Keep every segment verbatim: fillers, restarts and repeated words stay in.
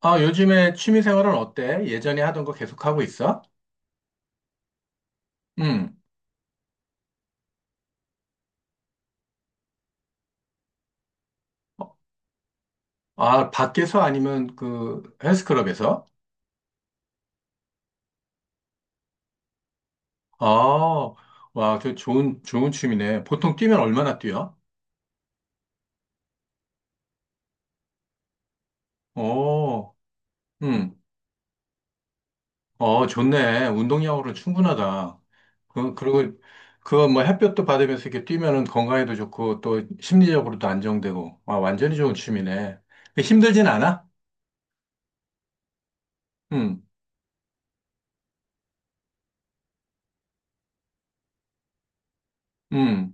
아, 요즘에 취미 생활은 어때? 예전에 하던 거 계속 하고 있어? 응. 아, 밖에서 아니면 그 헬스클럽에서? 아, 와, 저 좋은, 좋은 취미네. 보통 뛰면 얼마나 뛰어? 오, 응. 어, 좋네. 운동량으로 충분하다. 그, 그리고 그거 뭐 햇볕도 받으면서 이렇게 뛰면은 건강에도 좋고 또 심리적으로도 안정되고. 와, 완전히 좋은 취미네. 그 힘들진 않아? 응, 응.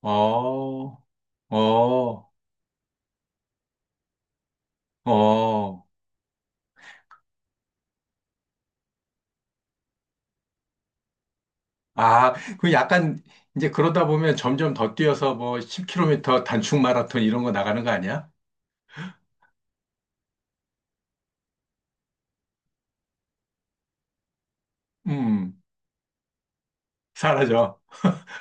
어, 어, 어. 아, 그 약간 이제 그러다 보면 점점 더 뛰어서 뭐 십 키로미터 단축 마라톤 이런 거 나가는 거 아니야? 음, 사라져.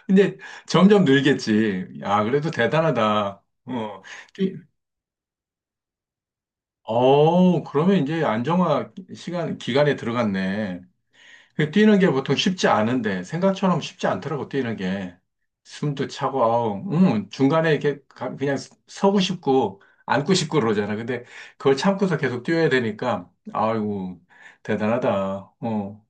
근데 점점 늘겠지. 아, 그래도 대단하다. 어, 뛰- 어, 그러면 이제 안정화 시간, 기간에 들어갔네. 그 뛰는 게 보통 쉽지 않은데, 생각처럼 쉽지 않더라고, 뛰는 게. 숨도 차고, 아우, 음, 중간에 이렇게 가- 그냥 서고 싶고, 앉고 싶고 그러잖아. 근데 그걸 참고서 계속 뛰어야 되니까, 아이고, 대단하다. 어.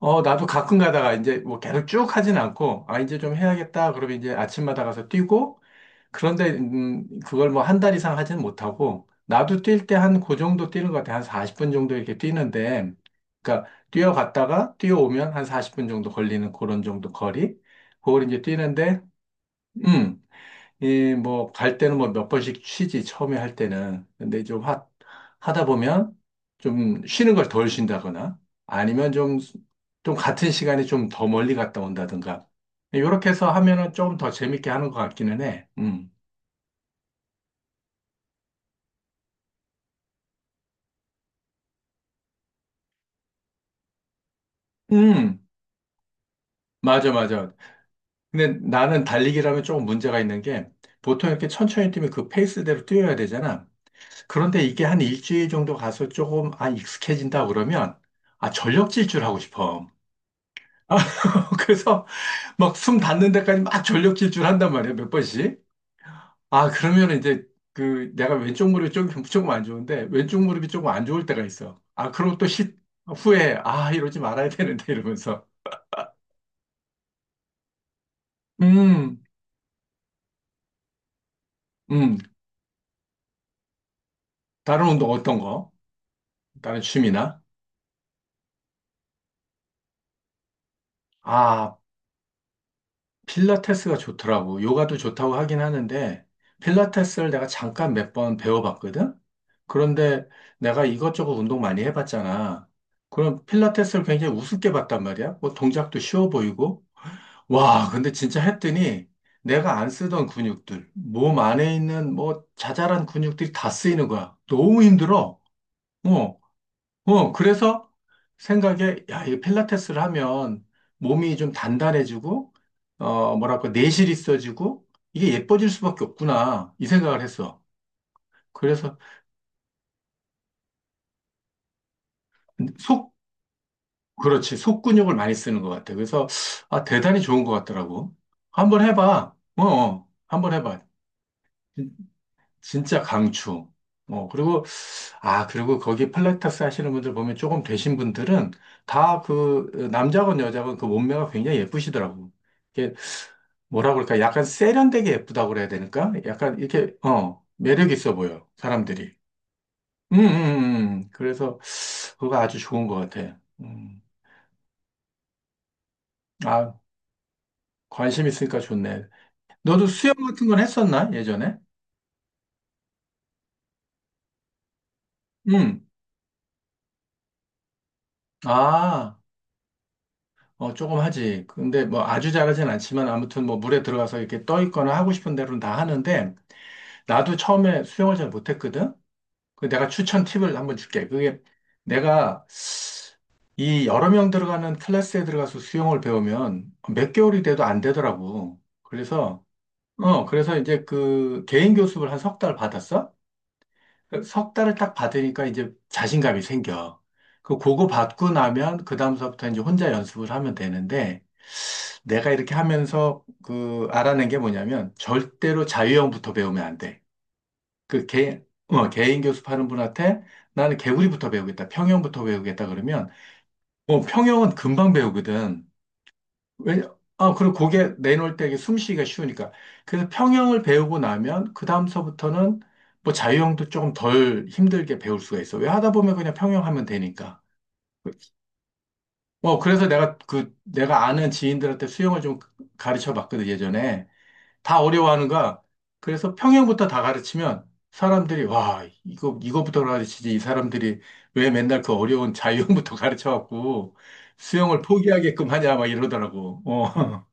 어, 나도 가끔 가다가 이제 뭐 계속 쭉 하진 않고, 아, 이제 좀 해야겠다. 그러면 이제 아침마다 가서 뛰고, 그런데 음, 그걸 뭐 한 달 이상 하지는 못하고 나도 뛸 때 한 그 정도 뛰는 것 같아. 한 사십 분 정도 이렇게 뛰는데 그러니까 뛰어갔다가 뛰어오면 한 사십 분 정도 걸리는 그런 정도 거리. 그걸 이제 뛰는데 음, 이 뭐 갈 때는 뭐 몇 번씩 쉬지 처음에 할 때는. 근데 좀 하, 하다 보면 좀 쉬는 걸 덜 쉰다거나 아니면 좀 좀 같은 시간에 좀 더 멀리 갔다 온다든가. 이렇게 해서 하면은 조금 더 재밌게 하는 것 같기는 해. 음. 음. 맞아, 맞아. 근데 나는 달리기라면 조금 문제가 있는 게 보통 이렇게 천천히 뛰면 그 페이스대로 뛰어야 되잖아. 그런데 이게 한 일주일 정도 가서 조금 아 익숙해진다 그러면 아 전력 질주 하고 싶어. 아, 그래서 막 숨 닿는 데까지 막 전력 질주를 한단 말이야, 몇 번씩. 아, 그러면 이제 그 내가 왼쪽 무릎이 조금, 조금 안 좋은데 왼쪽 무릎이 조금 안 좋을 때가 있어. 아, 그럼 또 시, 후에 아, 이러지 말아야 되는데 이러면서. 음, 음. 다른 운동 어떤 거? 다른 취미나? 아, 필라테스가 좋더라고. 요가도 좋다고 하긴 하는데, 필라테스를 내가 잠깐 몇 번 배워봤거든? 그런데 내가 이것저것 운동 많이 해봤잖아. 그럼 필라테스를 굉장히 우습게 봤단 말이야. 뭐 동작도 쉬워 보이고. 와, 근데 진짜 했더니 내가 안 쓰던 근육들, 몸 안에 있는 뭐 자잘한 근육들이 다 쓰이는 거야. 너무 힘들어. 어, 어, 그래서 생각에, 야, 이 필라테스를 하면 몸이 좀 단단해지고, 어, 뭐랄까, 내실이 있어지고, 이게 예뻐질 수밖에 없구나, 이 생각을 했어. 그래서 속, 그렇지, 속 근육을 많이 쓰는 것 같아. 그래서, 아, 대단히 좋은 것 같더라고. 한번 해봐. 어, 어, 한번 해봐. 진- 진짜 강추. 어, 그리고 아, 그리고 거기 필라테스 하시는 분들 보면 조금 되신 분들은 다 그 남자건 여자건 그 몸매가 굉장히 예쁘시더라고. 이게 뭐라 그럴까? 약간 세련되게 예쁘다고 그래야 되니까? 약간 이렇게, 어, 매력 있어 보여, 사람들이. 음, 음, 음. 음. 그래서 그거 아주 좋은 것 같아. 음. 아, 관심 있으니까 좋네. 너도 수영 같은 건 했었나? 예전에? 음. 아, 어, 조금 하지. 근데 뭐 아주 잘하진 않지만 아무튼 뭐 물에 들어가서 이렇게 떠 있거나 하고 싶은 대로는 다 하는데 나도 처음에 수영을 잘 못했거든? 그 내가 추천 팁을 한번 줄게. 그게 내가 이 여러 명 들어가는 클래스에 들어가서 수영을 배우면 몇 개월이 돼도 안 되더라고. 그래서, 어, 그래서 이제 그 개인 교습을 한 석 달 받았어? 그석 달을 딱 받으니까 이제 자신감이 생겨. 그 그거 받고 나면 그 다음서부터 이제 혼자 연습을 하면 되는데 내가 이렇게 하면서 그 알아낸 게 뭐냐면 절대로 자유형부터 배우면 안 돼. 그 개, 어, 개인 교습하는 분한테 나는 개구리부터 배우겠다, 평형부터 배우겠다 그러면 어, 평형은 금방 배우거든. 왜? 아, 그리고 고개 내놓을 때 이게 숨쉬기가 쉬우니까. 그래서 평형을 배우고 나면 그 다음서부터는 뭐 자유형도 조금 덜 힘들게 배울 수가 있어. 왜 하다 보면 그냥 평형하면 되니까. 어, 그래서 내가 그, 내가 아는 지인들한테 수영을 좀 가르쳐 봤거든, 예전에. 다 어려워하는 거야. 그래서 평형부터 다 가르치면 사람들이 와, 이거 이거부터 가르치지 이 사람들이 왜 맨날 그 어려운 자유형부터 가르쳐갖고 수영을 포기하게끔 하냐 막 이러더라고. 어.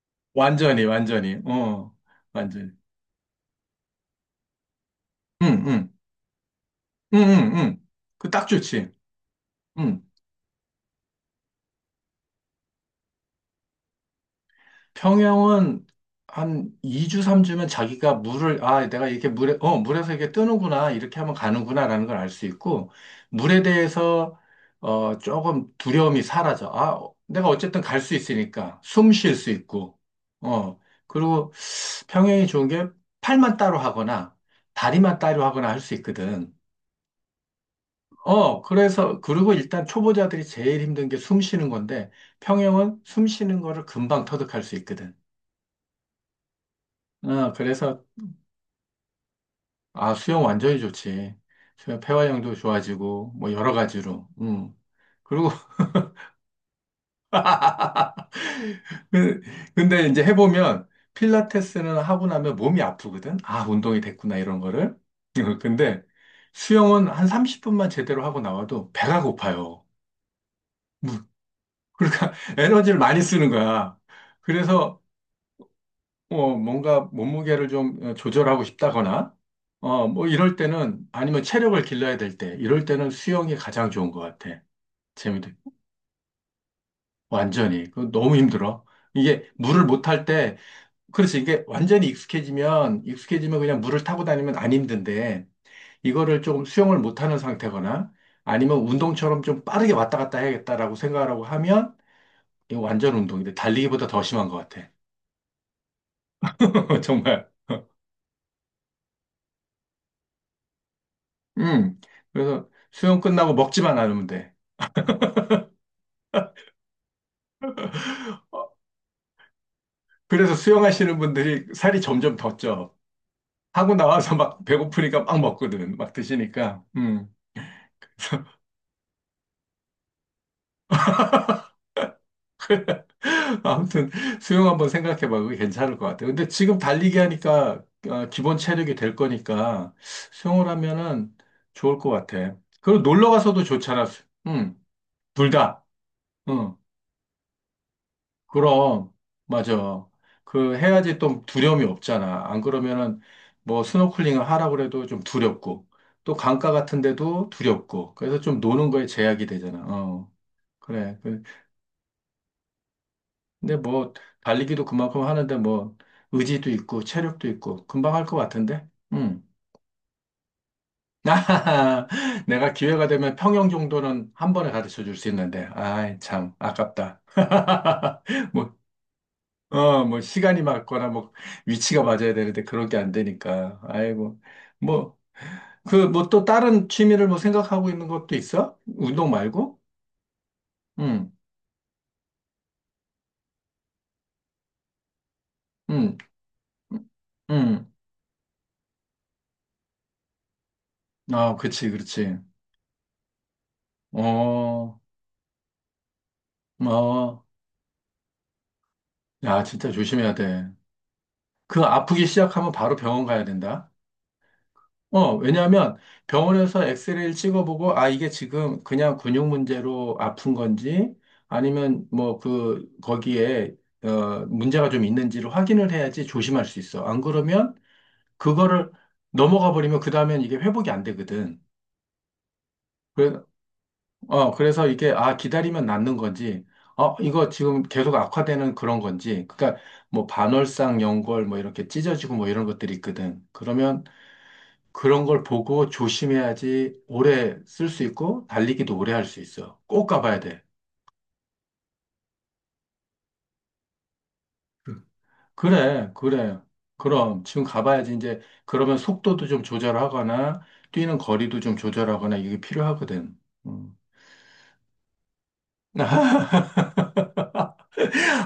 완전히 완전히. 어. 완전히. 응, 응. 응, 응, 응. 그 딱 좋지. 응. 평형은 한 이 주, 삼 주면 자기가 물을, 아, 내가 이렇게 물에, 어, 물에서 이게 뜨는구나, 이렇게 하면 가는구나라는 걸 알 수 있고, 물에 대해서, 어, 조금 두려움이 사라져. 아, 어, 내가 어쨌든 갈 수 있으니까, 숨 쉴 수 있고, 어, 그리고 평형이 좋은 게 팔만 따로 하거나, 다리만 따로 하거나 할 수 있거든. 어, 그래서, 그리고 일단 초보자들이 제일 힘든 게 숨 쉬는 건데, 평형은 숨 쉬는 거를 금방 터득할 수 있거든. 어, 그래서 아, 수영 완전히 좋지. 수영 폐활량도 좋아지고, 뭐, 여러 가지로. 음. 그리고, 그- 근데 이제 해보면, 필라테스는 하고 나면 몸이 아프거든? 아, 운동이 됐구나, 이런 거를. 근데 수영은 한 삼십 분만 제대로 하고 나와도 배가 고파요. 뭐, 그러니까 에너지를 많이 쓰는 거야. 그래서, 어, 뭔가 몸무게를 좀 어, 조절하고 싶다거나, 어, 뭐, 이럴 때는, 아니면 체력을 길러야 될 때, 이럴 때는 수영이 가장 좋은 것 같아. 재미도. 완전히. 그 너무 힘들어. 이게 물을 못탈 때, 그래서 이게 완전히 익숙해지면, 익숙해지면 그냥 물을 타고 다니면 안 힘든데, 이거를 조금 수영을 못하는 상태거나, 아니면 운동처럼 좀 빠르게 왔다 갔다 해야겠다라고 생각하고 하면, 이거 완전 운동인데, 달리기보다 더 심한 것 같아. 정말. 음. 그래서 수영 끝나고 먹지만 않으면 돼. 어, 그래서 수영하시는 분들이 살이 점점 더 쪄. 하고 나와서 막 배고프니까 막 먹거든. 막 드시니까. 음. 아무튼 수영 한번 생각해봐. 그게 괜찮을 것 같아. 근데 지금 달리기 하니까 아, 기본 체력이 될 거니까 수영을 하면은 좋을 것 같아. 그리고 놀러 가서도 좋잖아. 수- 응, 둘 다. 응, 그럼 맞아. 그 해야지 또 두려움이 없잖아. 안 그러면은 뭐 스노클링을 하라고 해도 좀 두렵고 또 강가 같은 데도 두렵고 그래서 좀 노는 거에 제약이 되잖아. 어, 그래. 근데 뭐 달리기도 그만큼 하는데 뭐 의지도 있고 체력도 있고 금방 할 것 같은데. 음. 내가 기회가 되면 평영 정도는 한 번에 가르쳐 줄 수 있는데. 아이, 참 아깝다. 뭐 어, 뭐 시간이 맞거나 뭐 위치가 맞아야 되는데 그런 게 안 되니까. 아이고. 뭐 그 뭐 또 다른 취미를 뭐 생각하고 있는 것도 있어? 운동 말고? 음. 음. 음. 아, 그치, 그치. 어. 어. 야, 진짜 조심해야 돼. 그 아프기 시작하면 바로 병원 가야 된다. 어, 왜냐하면 병원에서 엑스레이를 찍어보고, 아, 이게 지금 그냥 근육 문제로 아픈 건지, 아니면 뭐 그, 거기에, 어, 문제가 좀 있는지를 확인을 해야지 조심할 수 있어. 안 그러면 그거를 넘어가 버리면 그 다음엔 이게 회복이 안 되거든. 그래, 어, 그래서 이게, 아, 기다리면 낫는 건지, 어, 이거 지금 계속 악화되는 그런 건지, 그러니까 뭐 반월상, 연골, 뭐 이렇게 찢어지고 뭐 이런 것들이 있거든. 그러면 그런 걸 보고 조심해야지 오래 쓸 수 있고, 달리기도 오래 할 수 있어. 꼭 가봐야 돼. 그래, 그래. 그럼 지금 가봐야지 이제 그러면 속도도 좀 조절하거나 뛰는 거리도 좀 조절하거나 이게 필요하거든. 음.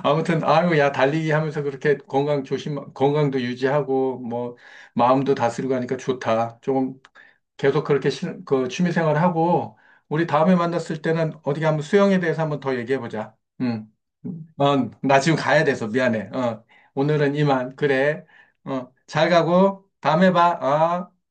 아무튼 아유 야 달리기 하면서 그렇게 건강 조심 건강도 유지하고 뭐 마음도 다스리고 하니까 좋다. 조금 계속 그렇게 시, 그 취미 생활하고 우리 다음에 만났을 때는 어디 한번 수영에 대해서 한번 더 얘기해 보자. 응. 어, 나 지금 가야 돼서 미안해. 어, 오늘은 이만. 그래. 어, 잘 가고 다음에 봐. 아.